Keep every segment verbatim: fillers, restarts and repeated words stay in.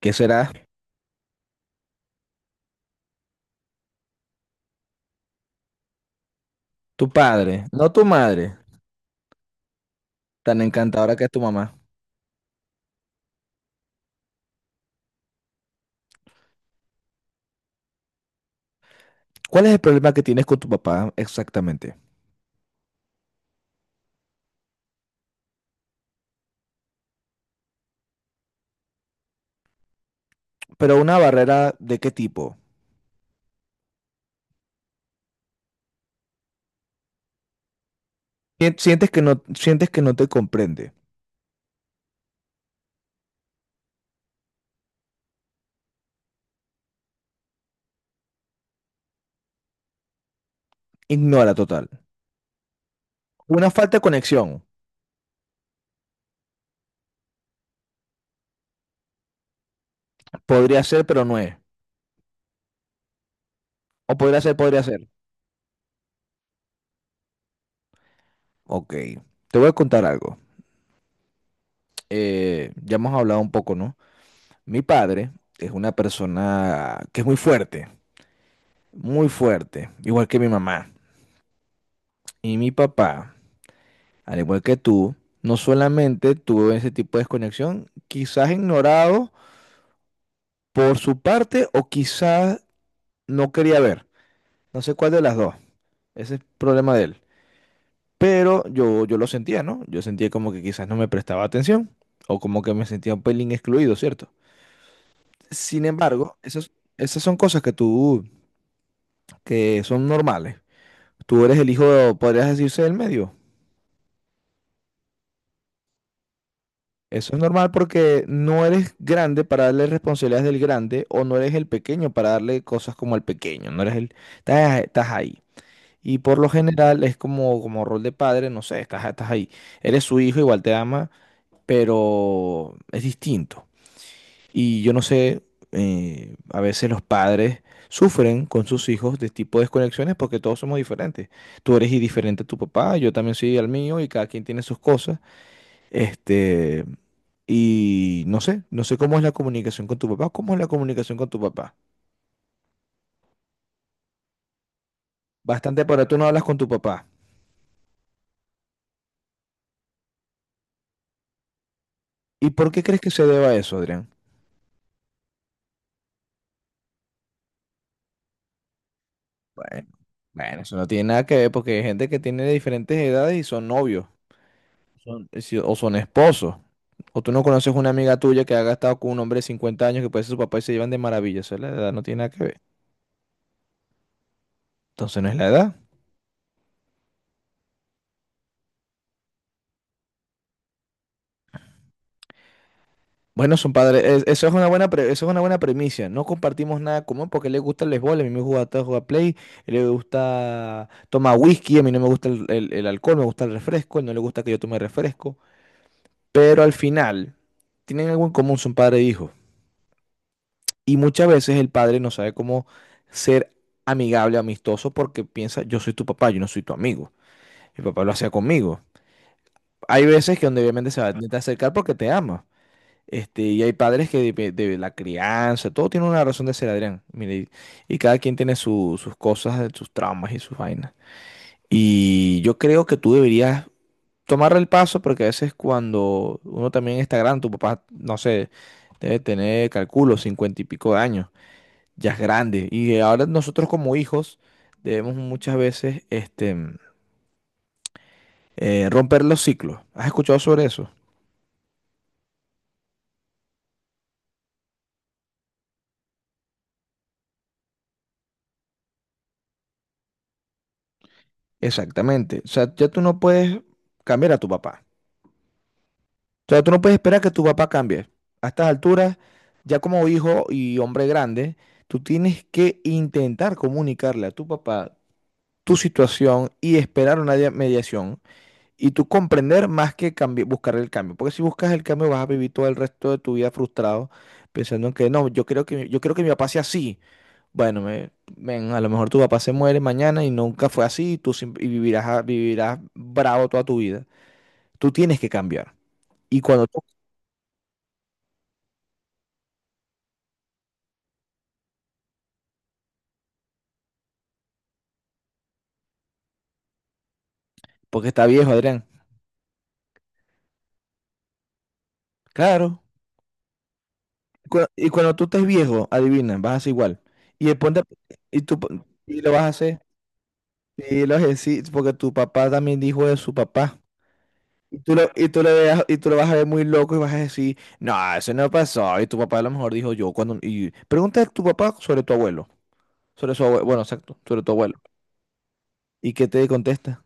que será tu padre, no tu madre, tan encantadora que es tu mamá. ¿Cuál es el problema que tienes con tu papá exactamente? ¿Pero una barrera de qué tipo? Sien- Sientes que no, sientes que no te comprende. Ignora total. Una falta de conexión. Podría ser, pero no es. O podría ser, podría ser. Ok. Te voy a contar algo. Eh, ya hemos hablado un poco, ¿no? Mi padre es una persona que es muy fuerte, muy fuerte, igual que mi mamá. Y mi papá Al igual que tú, no solamente tuvo ese tipo de desconexión, quizás ignorado por su parte o quizás no quería ver. No sé cuál de las dos. Ese es problema de él. Pero yo, yo lo sentía, ¿no? Yo sentía como que quizás no me prestaba atención o como que me sentía un pelín excluido, ¿cierto? Sin embargo, esas, esas son cosas que tú, que son normales. Tú eres el hijo, podrías decirse, del medio. Eso es normal porque no eres grande para darle responsabilidades del grande o no eres el pequeño para darle cosas como el pequeño, no eres el, estás, estás ahí. Y por lo general es como, como rol de padre, no sé, estás, estás ahí. Eres su hijo, igual te ama, pero es distinto. Y yo no sé, eh, a veces los padres sufren con sus hijos de tipo de desconexiones porque todos somos diferentes. Tú eres diferente a tu papá, yo también soy al mío y cada quien tiene sus cosas. Este, y no sé, no sé cómo es la comunicación con tu papá, cómo es la comunicación con tu papá. Bastante para tú no hablas con tu papá. ¿Y por qué crees que se deba a eso, Adrián? Bueno, bueno, eso no tiene nada que ver porque hay gente que tiene diferentes edades y son novios, son- eh, si- o son esposos, o tú no conoces una amiga tuya que haya estado con un hombre de cincuenta años que puede ser su papá y se llevan de maravilla. Eso es la edad, no tiene nada que ver. Entonces no es la edad. Bueno, son padres, es- eso es una buena pre- eso es una buena premisa. No compartimos nada común porque le gusta el béisbol, a mí me gusta jugar play, él le gusta tomar whisky, a mí no me gusta el, el- el alcohol, me gusta el refresco, él no le gusta que yo tome refresco. Pero al final, tienen algo en común, son padre e hijo. Y muchas veces el padre no sabe cómo ser amigable, amistoso, porque piensa, yo soy tu papá, yo no soy tu amigo. Mi papá lo hacía conmigo. Hay veces que donde obviamente se va a intentar acercar porque te ama. Este, y hay padres que de, de la crianza, todo tiene una razón de ser, Adrián. Mire, y, y cada quien tiene su- sus cosas, sus traumas y sus vainas. Y yo creo que tú deberías tomar el paso porque a veces cuando uno también está grande, tu papá, no sé, debe tener, calculo, cincuenta y pico de años, ya es grande. Y ahora nosotros como hijos debemos muchas veces este, eh, romper los ciclos. ¿Has escuchado sobre eso? Exactamente. O sea, ya tú no puedes cambiar a tu papá. O sea, tú no puedes esperar que tu papá cambie. A estas alturas, ya como hijo y hombre grande, tú tienes que intentar comunicarle a tu papá tu situación y esperar una dia- mediación y tú comprender más que cambi- buscar el cambio. Porque si buscas el cambio vas a vivir todo el resto de tu vida frustrado pensando en que no, yo creo que, mi- yo creo que mi papá sea así. Bueno, me- men, a lo mejor tu papá se muere mañana y nunca fue así y tú sim- y vivirás, a- vivirás bravo toda tu vida. Tú tienes que cambiar. Y cuando tú, porque está viejo, Adrián. Claro. Cua- Y cuando tú estés viejo, adivina, vas a hacer igual. Y el ponte, y tú pon- y lo vas a hacer. Y lo vas a decir, porque tu papá también dijo de su papá. Y tú lo, y tú le veas- y tú lo vas a ver muy loco y vas a decir, no, eso no pasó. Y tu papá a lo mejor dijo yo cuando. Y pregunta a tu papá sobre tu abuelo. Sobre su abuelo. Bueno, exacto, sobre tu abuelo. ¿Y qué te contesta?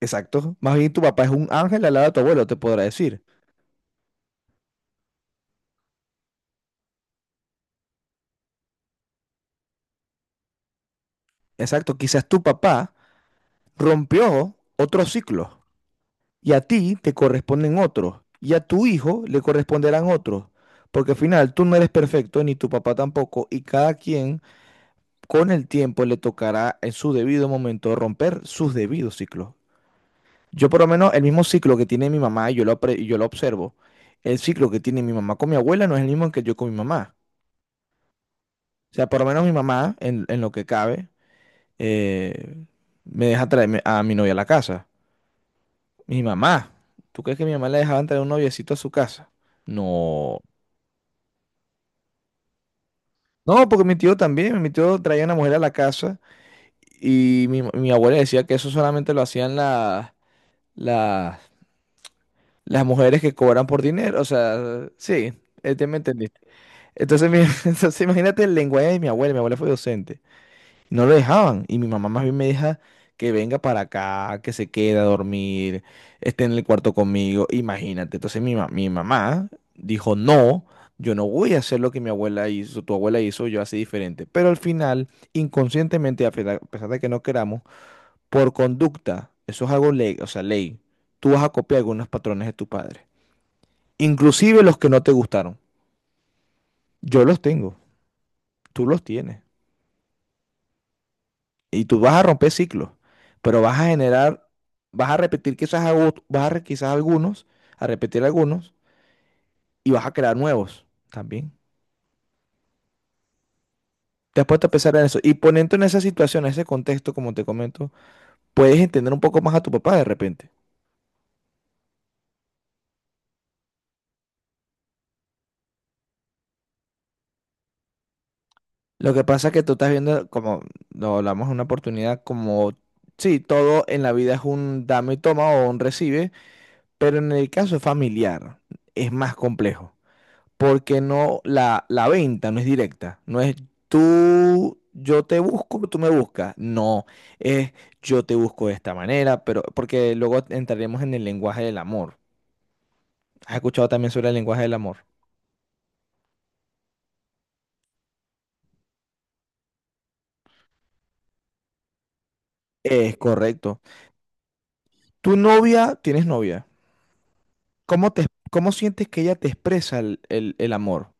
Exacto. Más bien tu papá es un ángel al lado de tu abuelo, te podrá decir. Exacto. Quizás tu papá rompió otro ciclo. y a ti te corresponden otros, y a tu hijo le corresponderán otros, porque al final tú no eres perfecto, ni tu papá tampoco, y cada quien con el tiempo le tocará en su debido momento romper sus debidos ciclos. Yo por lo menos el mismo ciclo que tiene mi mamá, y yo lo, pre- yo lo observo, el ciclo que tiene mi mamá con mi abuela no es el mismo que yo con mi mamá. O sea, por lo menos mi mamá, en, en lo que cabe, eh, me deja traer a mi novia a la casa. Mi mamá, ¿tú crees que mi mamá le dejaba traer un noviecito a su casa? No, No, porque mi tío también, mi tío traía una mujer a la casa y mi, mi abuela decía que eso solamente lo hacían las, las, las mujeres que cobran por dinero, o sea, sí, eh, te me entendiste. Entonces, mi- entonces imagínate el lenguaje de mi abuela, mi abuela fue docente. No lo dejaban. Y mi mamá más bien me deja que venga para acá, que se quede a dormir, esté en el cuarto conmigo. Imagínate. Entonces mi, ma- mi mamá dijo, no, yo no voy a hacer lo que mi abuela hizo, tu abuela hizo, yo así diferente. Pero al final, inconscientemente, a pesa- a pesar de que no queramos, por conducta, eso es algo ley, o sea, ley. Tú vas a copiar algunos patrones de tu padre. Inclusive los que no te gustaron. Yo los tengo, tú los tienes. Y tú vas a romper ciclos, pero vas a generar, vas a repetir quizás, a vas a re- quizás algunos, a repetir algunos, y vas a crear nuevos también. Te has puesto a pensar en eso. Y poniendo en esa situación, en ese contexto, como te comento, puedes entender un poco más a tu papá de repente. Lo que pasa es que tú estás viendo, como lo hablamos en una oportunidad, como, sí, todo en la vida es un dame y toma o un recibe, pero en el caso familiar es más complejo. porque no, la, la venta no es directa, no es tú, yo te busco, tú me buscas, no, es yo te busco de esta manera, pero porque luego entraremos en el lenguaje del amor. ¿Has escuchado también sobre el lenguaje del amor? Es correcto. Tu novia, tienes novia. ¿Cómo te, cómo sientes que ella te expresa el, el- el amor?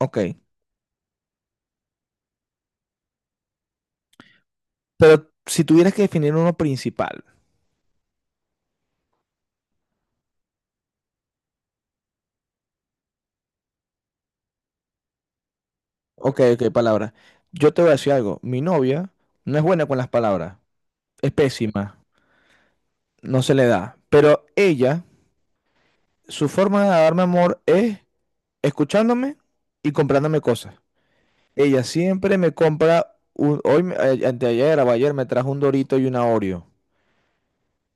Ok. Pero si tuvieras que definir uno principal. Ok, ok, palabra. Yo te voy a decir algo. Mi novia no es buena con las palabras. Es pésima. no se le da. Pero ella, su forma de darme amor es escuchándome y comprándome cosas. Ella siempre me compra, un, hoy, me- eh, anteayer o ayer me trajo un Dorito y una Oreo,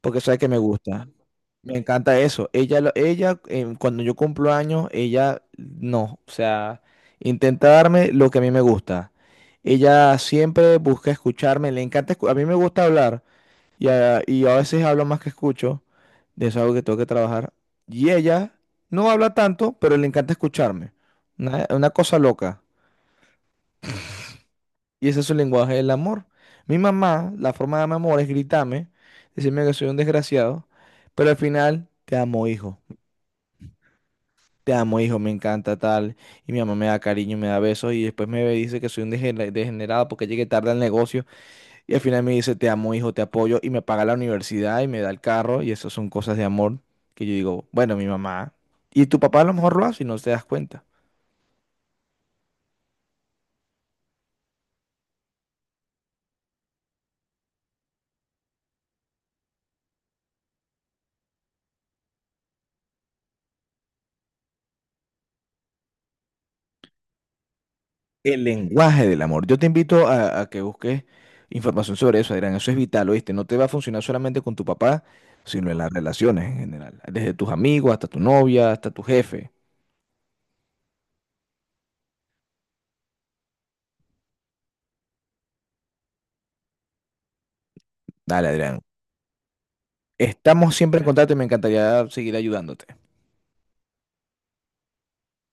porque sabe que me gusta. Me encanta eso. Ella, lo- ella em, cuando yo cumplo años, ella no, o sea, intenta darme lo que a mí me gusta. Ella siempre busca escucharme, le encanta, escu- a mí me gusta hablar. Y a, y a veces hablo más que escucho, de eso es algo que tengo que trabajar. Y ella no habla tanto, pero le encanta escucharme. Una, una cosa loca. Y ese es su lenguaje del amor. Mi mamá, la forma de darme amor es gritarme, decirme que soy un desgraciado, pero al final, te amo, hijo. Te amo, hijo, me encanta tal. Y mi mamá me da cariño, me da besos y después me dice que soy un degener- degenerado porque llegué tarde al negocio. Y al final me dice, te amo, hijo, te apoyo, y me paga la universidad y me da el carro, y eso son cosas de amor que yo digo, bueno, mi mamá. Y tu papá a lo mejor lo hace y no te das cuenta. El lenguaje del amor. Yo te invito a, a, que busques información sobre eso, Adrián. Eso es vital, ¿oíste? No te va a funcionar solamente con tu papá, sino en las relaciones en general. Desde tus amigos hasta tu novia, hasta tu jefe. Dale, Adrián. Estamos siempre en contacto y me encantaría seguir ayudándote.